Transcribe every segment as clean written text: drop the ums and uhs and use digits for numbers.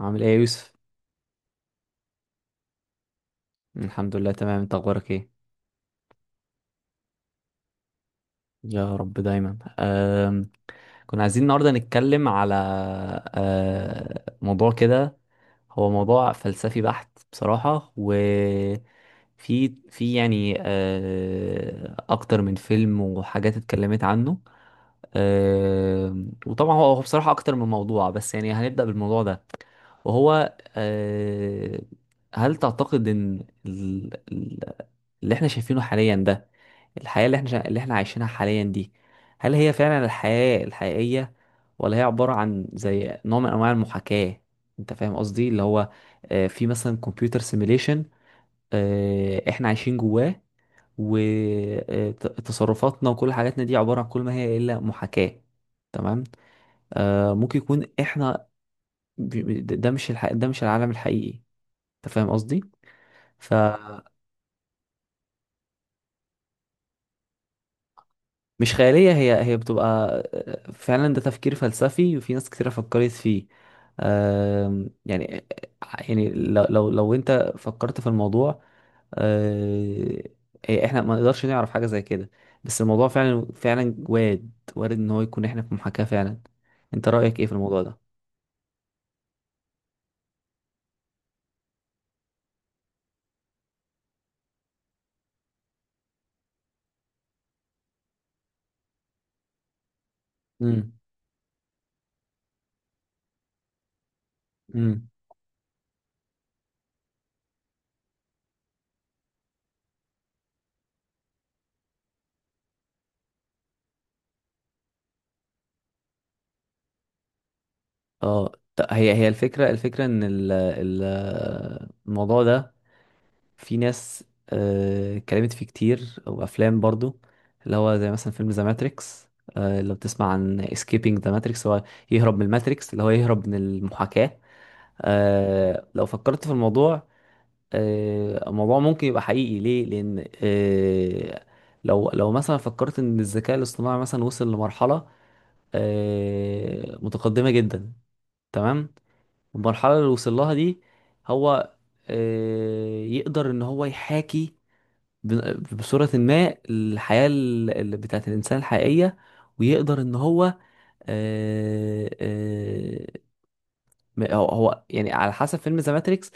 عامل ايه يا يوسف؟ الحمد لله تمام، انت اخبارك ايه؟ يا رب دايما. كنا عايزين النهارده نتكلم على موضوع كده. هو موضوع فلسفي بحت بصراحة، و في يعني اكتر من فيلم وحاجات اتكلمت عنه. وطبعا هو بصراحة أكتر من موضوع، بس يعني هنبدأ بالموضوع ده. وهو هل تعتقد إن اللي إحنا شايفينه حاليا ده، الحياة اللي اللي إحنا عايشينها حاليا دي، هل هي فعلا الحياة الحقيقية، ولا هي عبارة عن زي نوع من أنواع المحاكاة؟ أنت فاهم قصدي؟ اللي هو في مثلا كمبيوتر سيميليشن، إحنا عايشين جواه، وتصرفاتنا وكل حاجاتنا دي عبارة عن، كل ما هي إلا محاكاة. تمام. آه ممكن يكون احنا، ده مش الح... ده مش العالم الحقيقي. انت فاهم قصدي؟ فمش. خيالية، هي بتبقى. فعلا ده تفكير فلسفي، وفي ناس كتيرة فكرت فيه. يعني يعني لو انت فكرت في الموضوع، آه، إيه، احنا ما نقدرش نعرف حاجة زي كده. بس الموضوع فعلا وارد، ان هو يكون احنا في محاكاة فعلا. انت رأيك ايه في الموضوع ده؟ امم. امم. اه، هي الفكرة ان الموضوع ده، في ناس اتكلمت فيه كتير، او افلام برضو. اللي هو زي مثلا فيلم ذا ماتريكس. لو بتسمع عن اسكيبينج ذا ماتريكس، هو يهرب من الماتريكس، اللي هو يهرب من المحاكاة. لو فكرت في الموضوع، الموضوع ممكن يبقى حقيقي. ليه؟ لان لو مثلا فكرت ان الذكاء الاصطناعي مثلا وصل لمرحله متقدمه جدا. تمام. المرحله اللي وصل لها دي، هو يقدر ان هو يحاكي بصوره ما الحياه بتاعت الانسان الحقيقيه، ويقدر ان هو آه، آه، هو يعني على حسب فيلم ذا ماتريكس،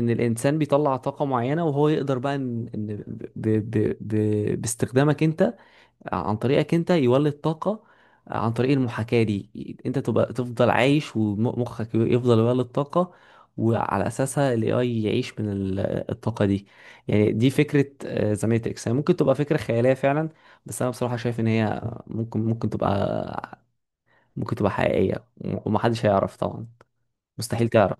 ان الانسان بيطلع طاقه معينه، وهو يقدر بقى ان باستخدامك انت، عن طريقك انت يولد طاقه عن طريق المحاكاه دي. انت تبقى تفضل عايش، ومخك يفضل يولد طاقه، وعلى اساسها الاي اي يعيش من الطاقه دي. يعني دي فكره. ذا ماتريكس هي ممكن تبقى فكره خياليه فعلا، بس انا بصراحه شايف ان هي ممكن ممكن تبقى حقيقيه. ومحدش هيعرف طبعا، مستحيل تعرف.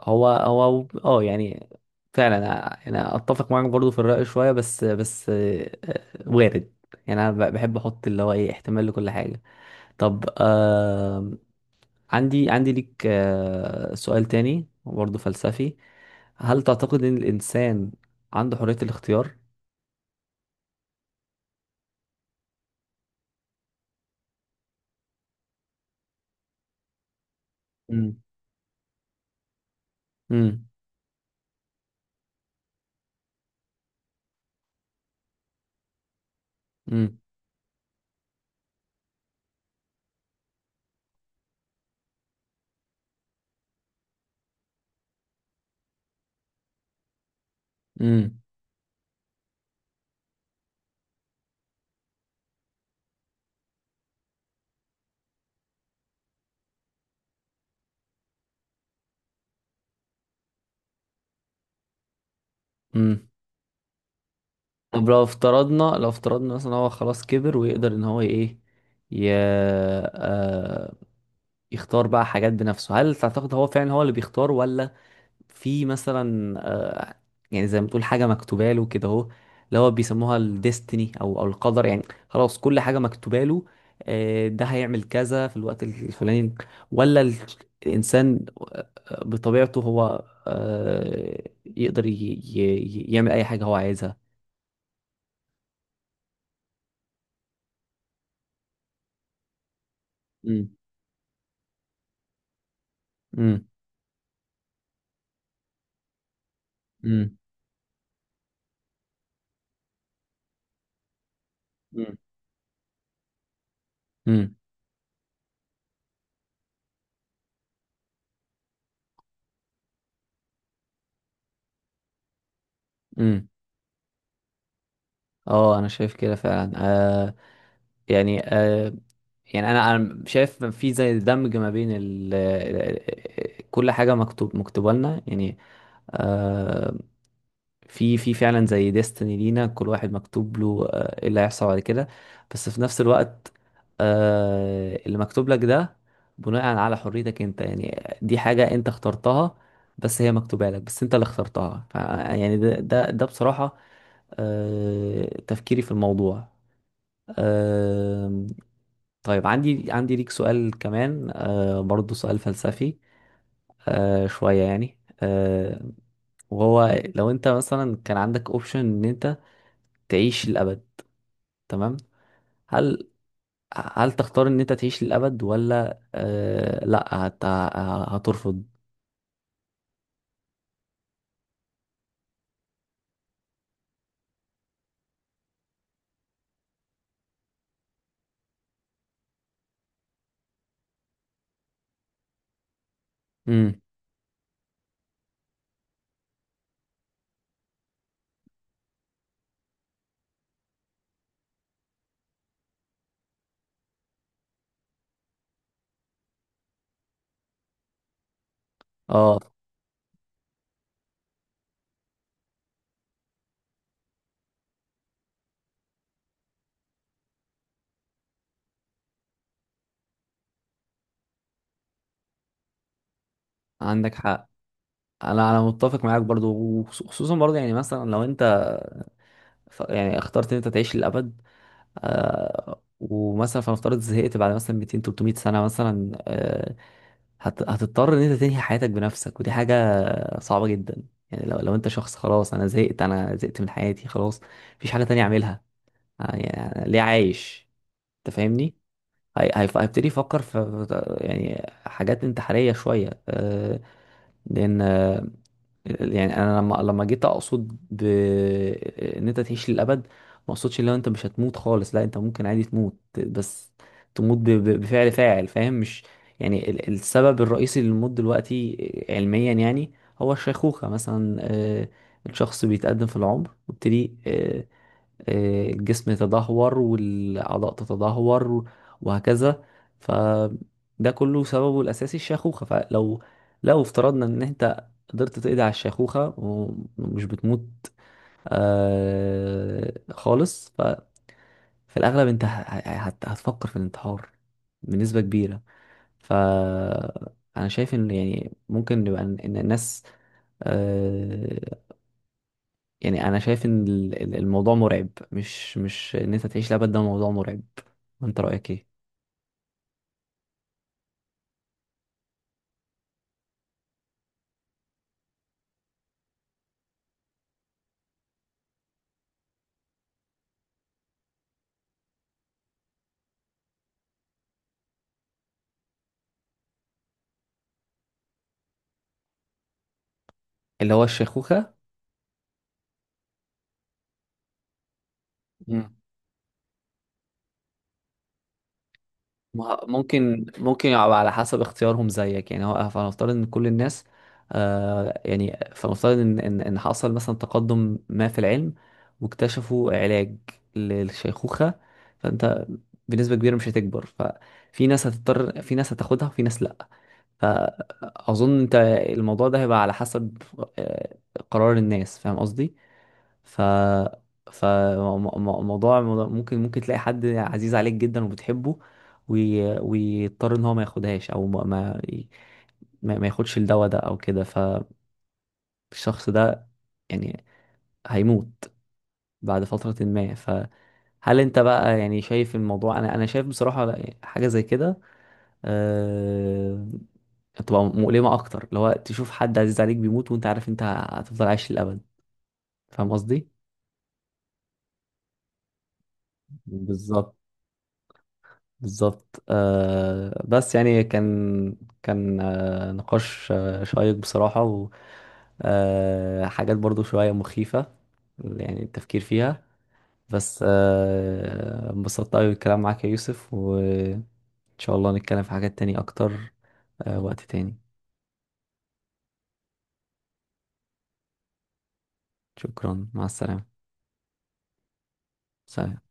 هو يعني فعلا انا اتفق معاك برضو في الرأي شوية، بس وارد. يعني انا بحب احط اللي هو ايه، احتمال لكل حاجة. طب آه، عندي ليك آه سؤال تاني برضو فلسفي. هل تعتقد ان الانسان عنده حرية الاختيار؟ مم. امم. امم. امم. امم. طب لو افترضنا مثلا هو خلاص كبر، ويقدر ان هو ايه، ي... آه يختار بقى حاجات بنفسه، هل تعتقد هو فعلا هو اللي بيختار؟ ولا في مثلا يعني زي ما تقول حاجة مكتوبة له كده، اهو اللي هو بيسموها الديستني، او القدر يعني. خلاص كل حاجة مكتوبة له، ده هيعمل كذا في الوقت الفلاني، ولا الانسان بطبيعته هو يقدر يعمل اي حاجة هو عايزها. امم. امم. امم. امم. امم. اه انا شايف كده فعلا. آه يعني، آه يعني انا شايف إن في زي دمج ما بين كل حاجه مكتوبه لنا يعني. آه، في فعلا زي ديستني لينا، كل واحد مكتوب له آه ايه اللي هيحصل بعد كده. بس في نفس الوقت، آه اللي مكتوب لك ده بناء على حريتك انت. يعني دي حاجه انت اخترتها، بس هي مكتوبه لك، بس انت اللي اخترتها. يعني ده بصراحه آه تفكيري في الموضوع. طيب عندي ليك سؤال كمان آه برضو، سؤال فلسفي آه شوية يعني، آه. وهو لو انت مثلا كان عندك اوبشن ان انت تعيش للأبد، تمام، هل هل تختار ان انت تعيش للأبد، ولا آه لا هترفض؟ امم. اه، عندك حق. انا متفق معاك برضو. وخصوصا برضو يعني، مثلا لو انت يعني اخترت ان انت تعيش للأبد، ومثلا فنفترض زهقت بعد مثلا 200 300 سنة مثلا، هتضطر ان انت تنهي حياتك بنفسك، ودي حاجة صعبة جدا. يعني لو انت شخص خلاص، انا زهقت، من حياتي خلاص، مفيش حاجة تانية اعملها، يعني ليه عايش. انت فاهمني؟ هيبتدي يفكر في يعني حاجات انتحارية شوية. لان يعني انا لما جيت اقصد ان انت تعيش للابد، ما اقصدش ان انت مش هتموت خالص. لا انت ممكن عادي تموت، بس تموت بفعل فاعل. فاهم؟ مش يعني السبب الرئيسي للموت دلوقتي علميا يعني، هو الشيخوخة مثلا. الشخص بيتقدم في العمر، ويبتدي الجسم يتدهور والأعضاء تتدهور وهكذا. فده كله سببه الأساسي الشيخوخة. فلو، لو افترضنا إن أنت قدرت تقضي على الشيخوخة، ومش بتموت آه خالص، ففي الأغلب أنت هتفكر في الانتحار بنسبة كبيرة. فأنا شايف إن يعني ممكن نبقى، إن الناس، آه، يعني انا شايف ان الموضوع مرعب. مش ان انت تعيش لابد، ده موضوع مرعب. انت رأيك ايه؟ اللي هو الشيخوخة. مم. ممكن يبقى على حسب اختيارهم زيك يعني. هو فنفترض ان كل الناس، آه يعني، فنفترض ان إن حصل مثلا تقدم ما في العلم، واكتشفوا علاج للشيخوخة. فانت بنسبة كبيرة مش هتكبر. ففي ناس هتضطر، في ناس هتاخدها وفي ناس لا. فأظن أنت الموضوع ده هيبقى على حسب آه، قرار الناس. فاهم قصدي؟ ف فموضوع ممكن تلاقي حد عزيز عليك جدا وبتحبه، ويضطر ان هو ما ياخدهاش، او ما ياخدش الدواء ده او كده. فالشخص ده يعني هيموت بعد فترة ما. فهل انت بقى يعني شايف الموضوع؟ انا شايف بصراحة، حاجة زي كده آه، هتبقى مؤلمة أكتر. اللي هو تشوف حد عزيز عليك بيموت، وأنت عارف أنت هتفضل عايش للأبد. فاهم قصدي؟ بالظبط. بالظبط آه. بس يعني، كان آه نقاش آه شيق بصراحة، و آه حاجات برضو شوية مخيفة يعني التفكير فيها. بس آه انبسطت أوي بالكلام معاك يا يوسف، وإن شاء الله نتكلم في حاجات تاني أكتر آه وقت تاني. شكرا. مع السلامة. سلام.